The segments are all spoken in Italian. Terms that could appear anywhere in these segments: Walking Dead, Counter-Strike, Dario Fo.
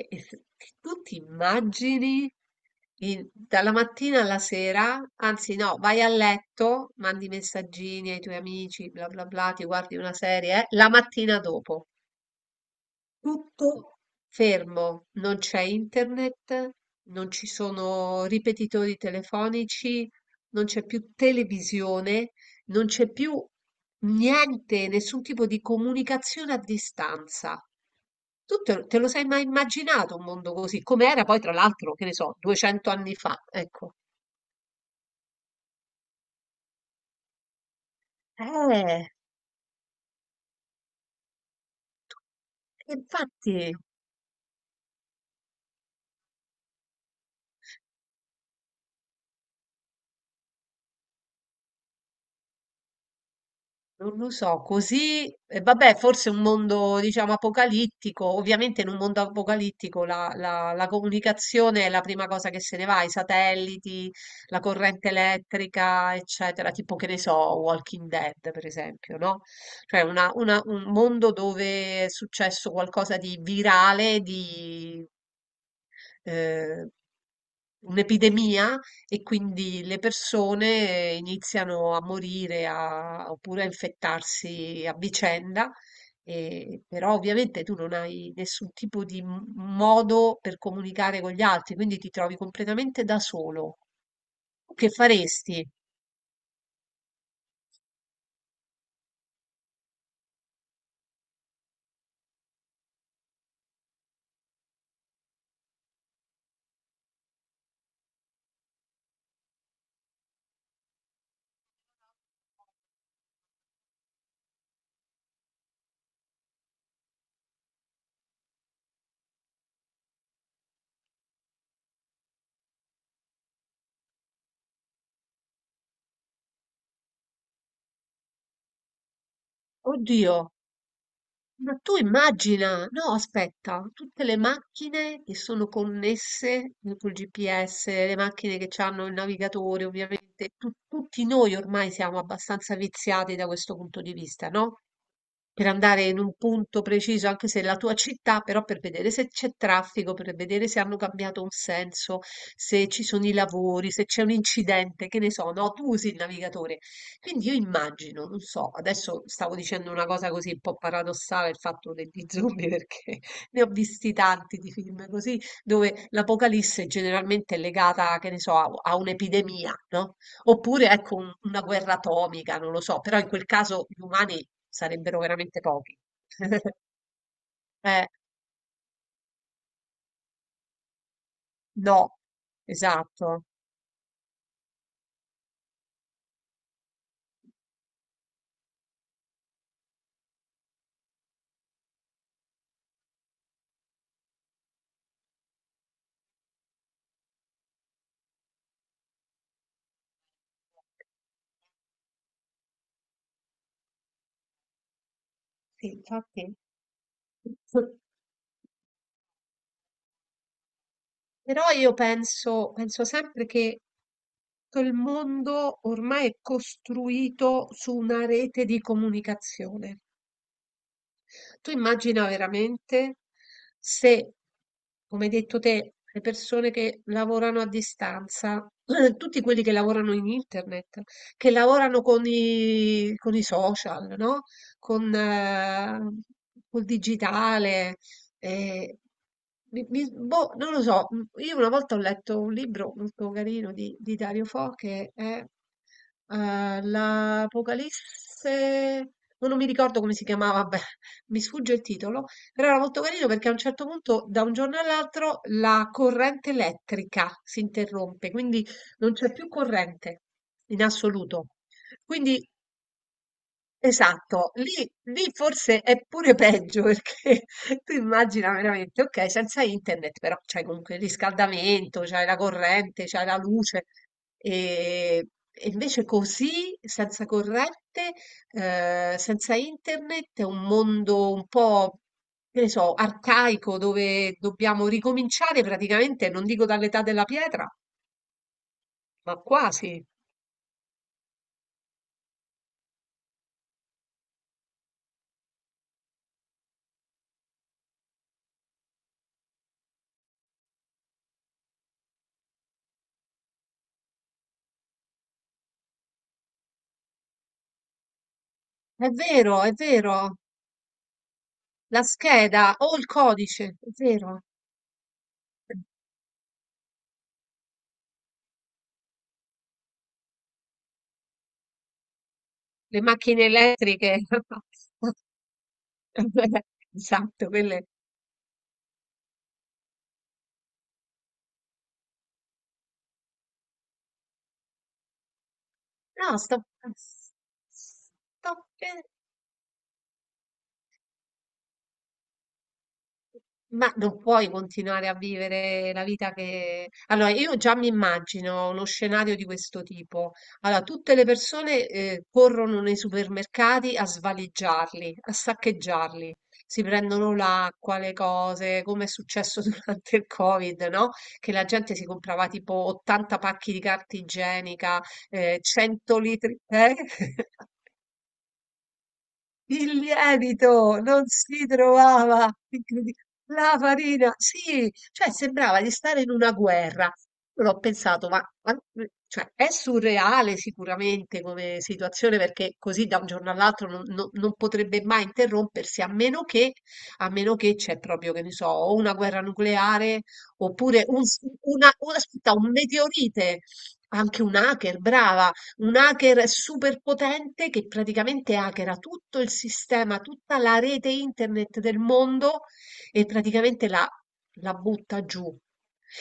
E se tu ti immagini dalla mattina alla sera, anzi no, vai a letto, mandi messaggini ai tuoi amici, bla bla bla, ti guardi una serie, la mattina dopo. Tutto fermo, non c'è internet, non ci sono ripetitori telefonici, non c'è più televisione, non c'è più niente, nessun tipo di comunicazione a distanza. Tu te lo sei mai immaginato un mondo così? Come era poi, tra l'altro, che ne so, 200 anni fa, ecco. Eh, infatti. Non lo so, così, e vabbè, forse un mondo, diciamo, apocalittico. Ovviamente in un mondo apocalittico la comunicazione è la prima cosa che se ne va, i satelliti, la corrente elettrica, eccetera, tipo che ne so, Walking Dead, per esempio, no? Cioè un mondo dove è successo qualcosa di virale, eh, un'epidemia e quindi le persone iniziano a morire oppure a infettarsi a vicenda. E, però ovviamente tu non hai nessun tipo di modo per comunicare con gli altri, quindi ti trovi completamente da solo. Che faresti? Oddio, ma tu immagina, no, aspetta, tutte le macchine che sono connesse col GPS, le macchine che hanno il navigatore, ovviamente, tutti noi ormai siamo abbastanza viziati da questo punto di vista, no? Per andare in un punto preciso, anche se è la tua città, però per vedere se c'è traffico, per vedere se hanno cambiato un senso, se ci sono i lavori, se c'è un incidente, che ne so, no? Tu usi il navigatore. Quindi io immagino, non so, adesso stavo dicendo una cosa così un po' paradossale, il fatto degli zombie, perché ne ho visti tanti di film così, dove l'apocalisse generalmente è legata, che ne so, a, a un'epidemia, no? Oppure, ecco, una guerra atomica, non lo so, però in quel caso gli umani sarebbero veramente pochi. Eh, no, esatto. Sì, infatti. Però io penso sempre che tutto il mondo ormai è costruito su una rete di comunicazione. Tu immagina veramente se, come hai detto te, le persone che lavorano a distanza, tutti quelli che lavorano in internet, che lavorano con con i social, no? Con, col digitale, eh, boh, non lo so, io una volta ho letto un libro molto carino di Dario Fo che è L'Apocalisse, no, non mi ricordo come si chiamava, beh, mi sfugge il titolo, però era molto carino perché a un certo punto, da un giorno all'altro, la corrente elettrica si interrompe, quindi non c'è più corrente in assoluto. Quindi esatto, lì forse è pure peggio perché tu immagina veramente, ok, senza internet, però c'hai comunque il riscaldamento, c'hai la corrente, c'hai la luce, e, e invece così, senza corrente, senza internet, è un mondo un po', che ne so, arcaico dove dobbiamo ricominciare praticamente, non dico dall'età della pietra, ma quasi. È vero, la scheda o il codice, è vero. Le macchine elettriche. Esatto, quelle... No, sto... Sto... ma non puoi continuare a vivere la vita che... Allora, io già mi immagino uno scenario di questo tipo. Allora, tutte le persone corrono nei supermercati a svaligiarli, a saccheggiarli. Si prendono l'acqua, le cose, come è successo durante il Covid, no? Che la gente si comprava tipo 80 pacchi di carta igienica, 100 litri... Eh? Il lievito non si trovava, incredi la farina, sì, cioè sembrava di stare in una guerra. Io l'ho pensato, cioè, è surreale sicuramente come situazione perché così da un giorno all'altro non potrebbe mai interrompersi a meno che c'è proprio, che ne so, o una guerra nucleare oppure un, s- una, un- aspetta, un meteorite, anche un hacker, brava un hacker super potente che praticamente hackera tutto il sistema, tutta la rete internet del mondo e praticamente la butta giù.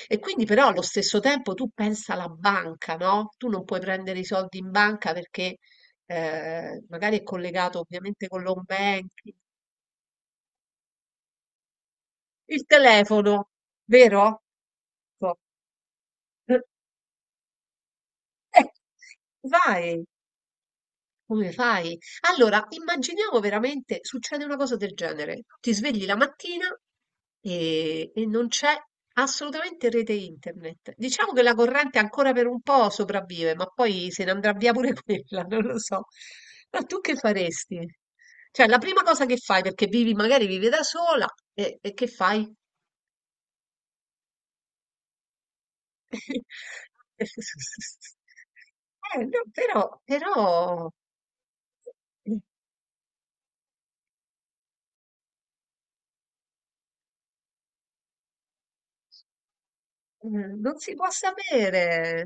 E quindi però allo stesso tempo tu pensa alla banca, no? Tu non puoi prendere i soldi in banca perché magari è collegato ovviamente con l'home banking. Il telefono, vero? Ecco. Eh, vai. Come fai? Allora, immaginiamo veramente, succede una cosa del genere. Ti svegli la mattina e non c'è assolutamente rete internet. Diciamo che la corrente ancora per un po' sopravvive, ma poi se ne andrà via pure quella, non lo so. Ma tu che faresti? Cioè, la prima cosa che fai, perché vivi, magari vivi da sola, e che fai? No, però, però... non si può sapere.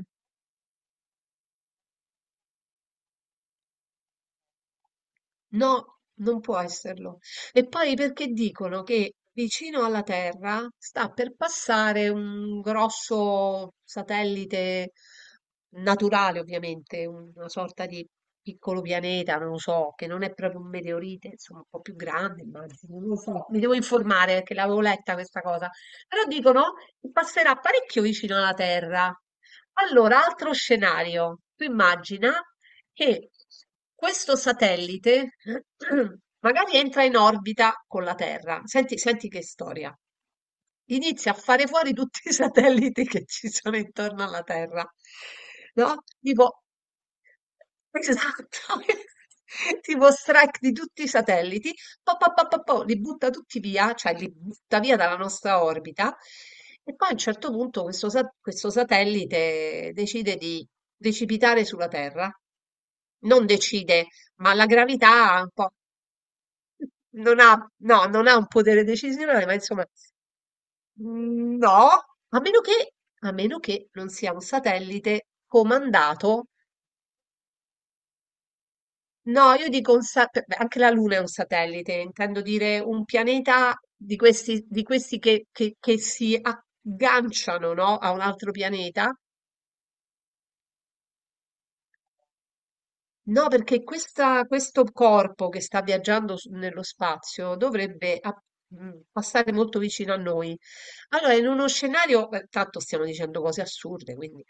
No, non può esserlo. E poi perché dicono che vicino alla Terra sta per passare un grosso satellite naturale, ovviamente, una sorta di piccolo pianeta, non lo so, che non è proprio un meteorite, insomma, un po' più grande, immagino, non lo so. Mi devo informare perché l'avevo letta questa cosa. Però dicono che passerà parecchio vicino alla Terra. Allora, altro scenario. Tu immagina e questo satellite magari entra in orbita con la Terra. Senti, senti che storia. Inizia a fare fuori tutti i satelliti che ci sono intorno alla Terra. No? Tipo, esatto, tipo strike di tutti i satelliti, po, po, po, po, po, li butta tutti via, cioè li butta via dalla nostra orbita. E poi a un certo punto questo satellite decide di precipitare sulla Terra. Non decide, ma la gravità ha un po' non ha no, non ha un potere decisionale, ma insomma mhmm, no, a meno che a meno che non sia un satellite comandato no, io dico un sa p beh, anche la Luna è un satellite, intendo dire un pianeta di questi che che si agganciano, no, a un altro pianeta no, perché questo corpo che sta viaggiando nello spazio dovrebbe passare molto vicino a noi. Allora, in uno scenario, tanto stiamo dicendo cose assurde, quindi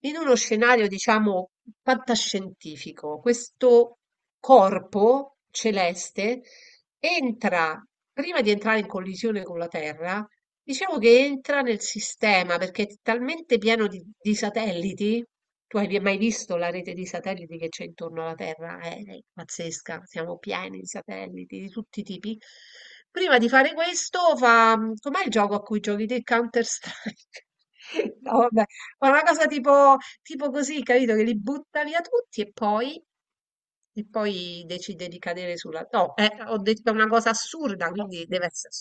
in uno scenario, diciamo, fantascientifico, questo corpo celeste entra, prima di entrare in collisione con la Terra, diciamo che entra nel sistema perché è talmente pieno di satelliti. Tu hai mai visto la rete di satelliti che c'è intorno alla Terra? È pazzesca, siamo pieni di satelliti di tutti i tipi. Prima di fare questo, fa... com'è il gioco a cui giochi te? Counter-Strike? No, vabbè, ma una cosa tipo, tipo così, capito? Che li butta via tutti e poi decide di cadere sulla... No, ho detto una cosa assurda, quindi deve essere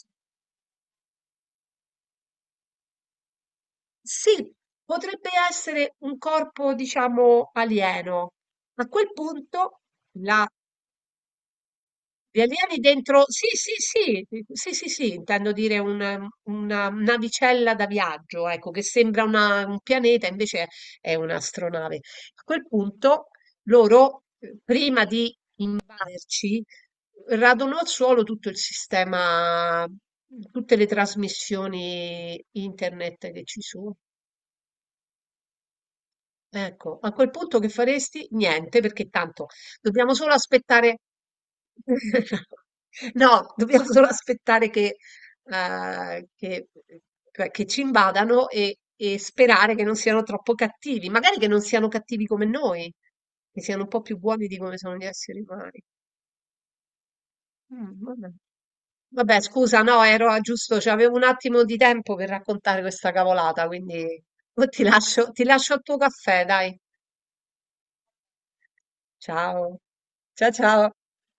sì, potrebbe essere un corpo, diciamo, alieno. A quel punto, la- gli alieni dentro... Sì, intendo dire una navicella da viaggio, ecco, che sembra un pianeta, invece è un'astronave. A quel punto, loro, prima di vaderci, radono al suolo tutto il sistema, tutte le trasmissioni internet che ci sono. Ecco, a quel punto che faresti? Niente, perché tanto dobbiamo solo aspettare. No, dobbiamo solo aspettare che, eh, che- che ci invadano e sperare che non siano troppo cattivi, magari che non siano cattivi come noi, che siano un po' più buoni di come sono gli esseri umani. Mm, vabbè. Vabbè, scusa, no, ero a giusto, cioè, avevo un attimo di tempo per raccontare questa cavolata, quindi oh, ti lascio al tuo caffè, dai. Ciao, ciao ciao.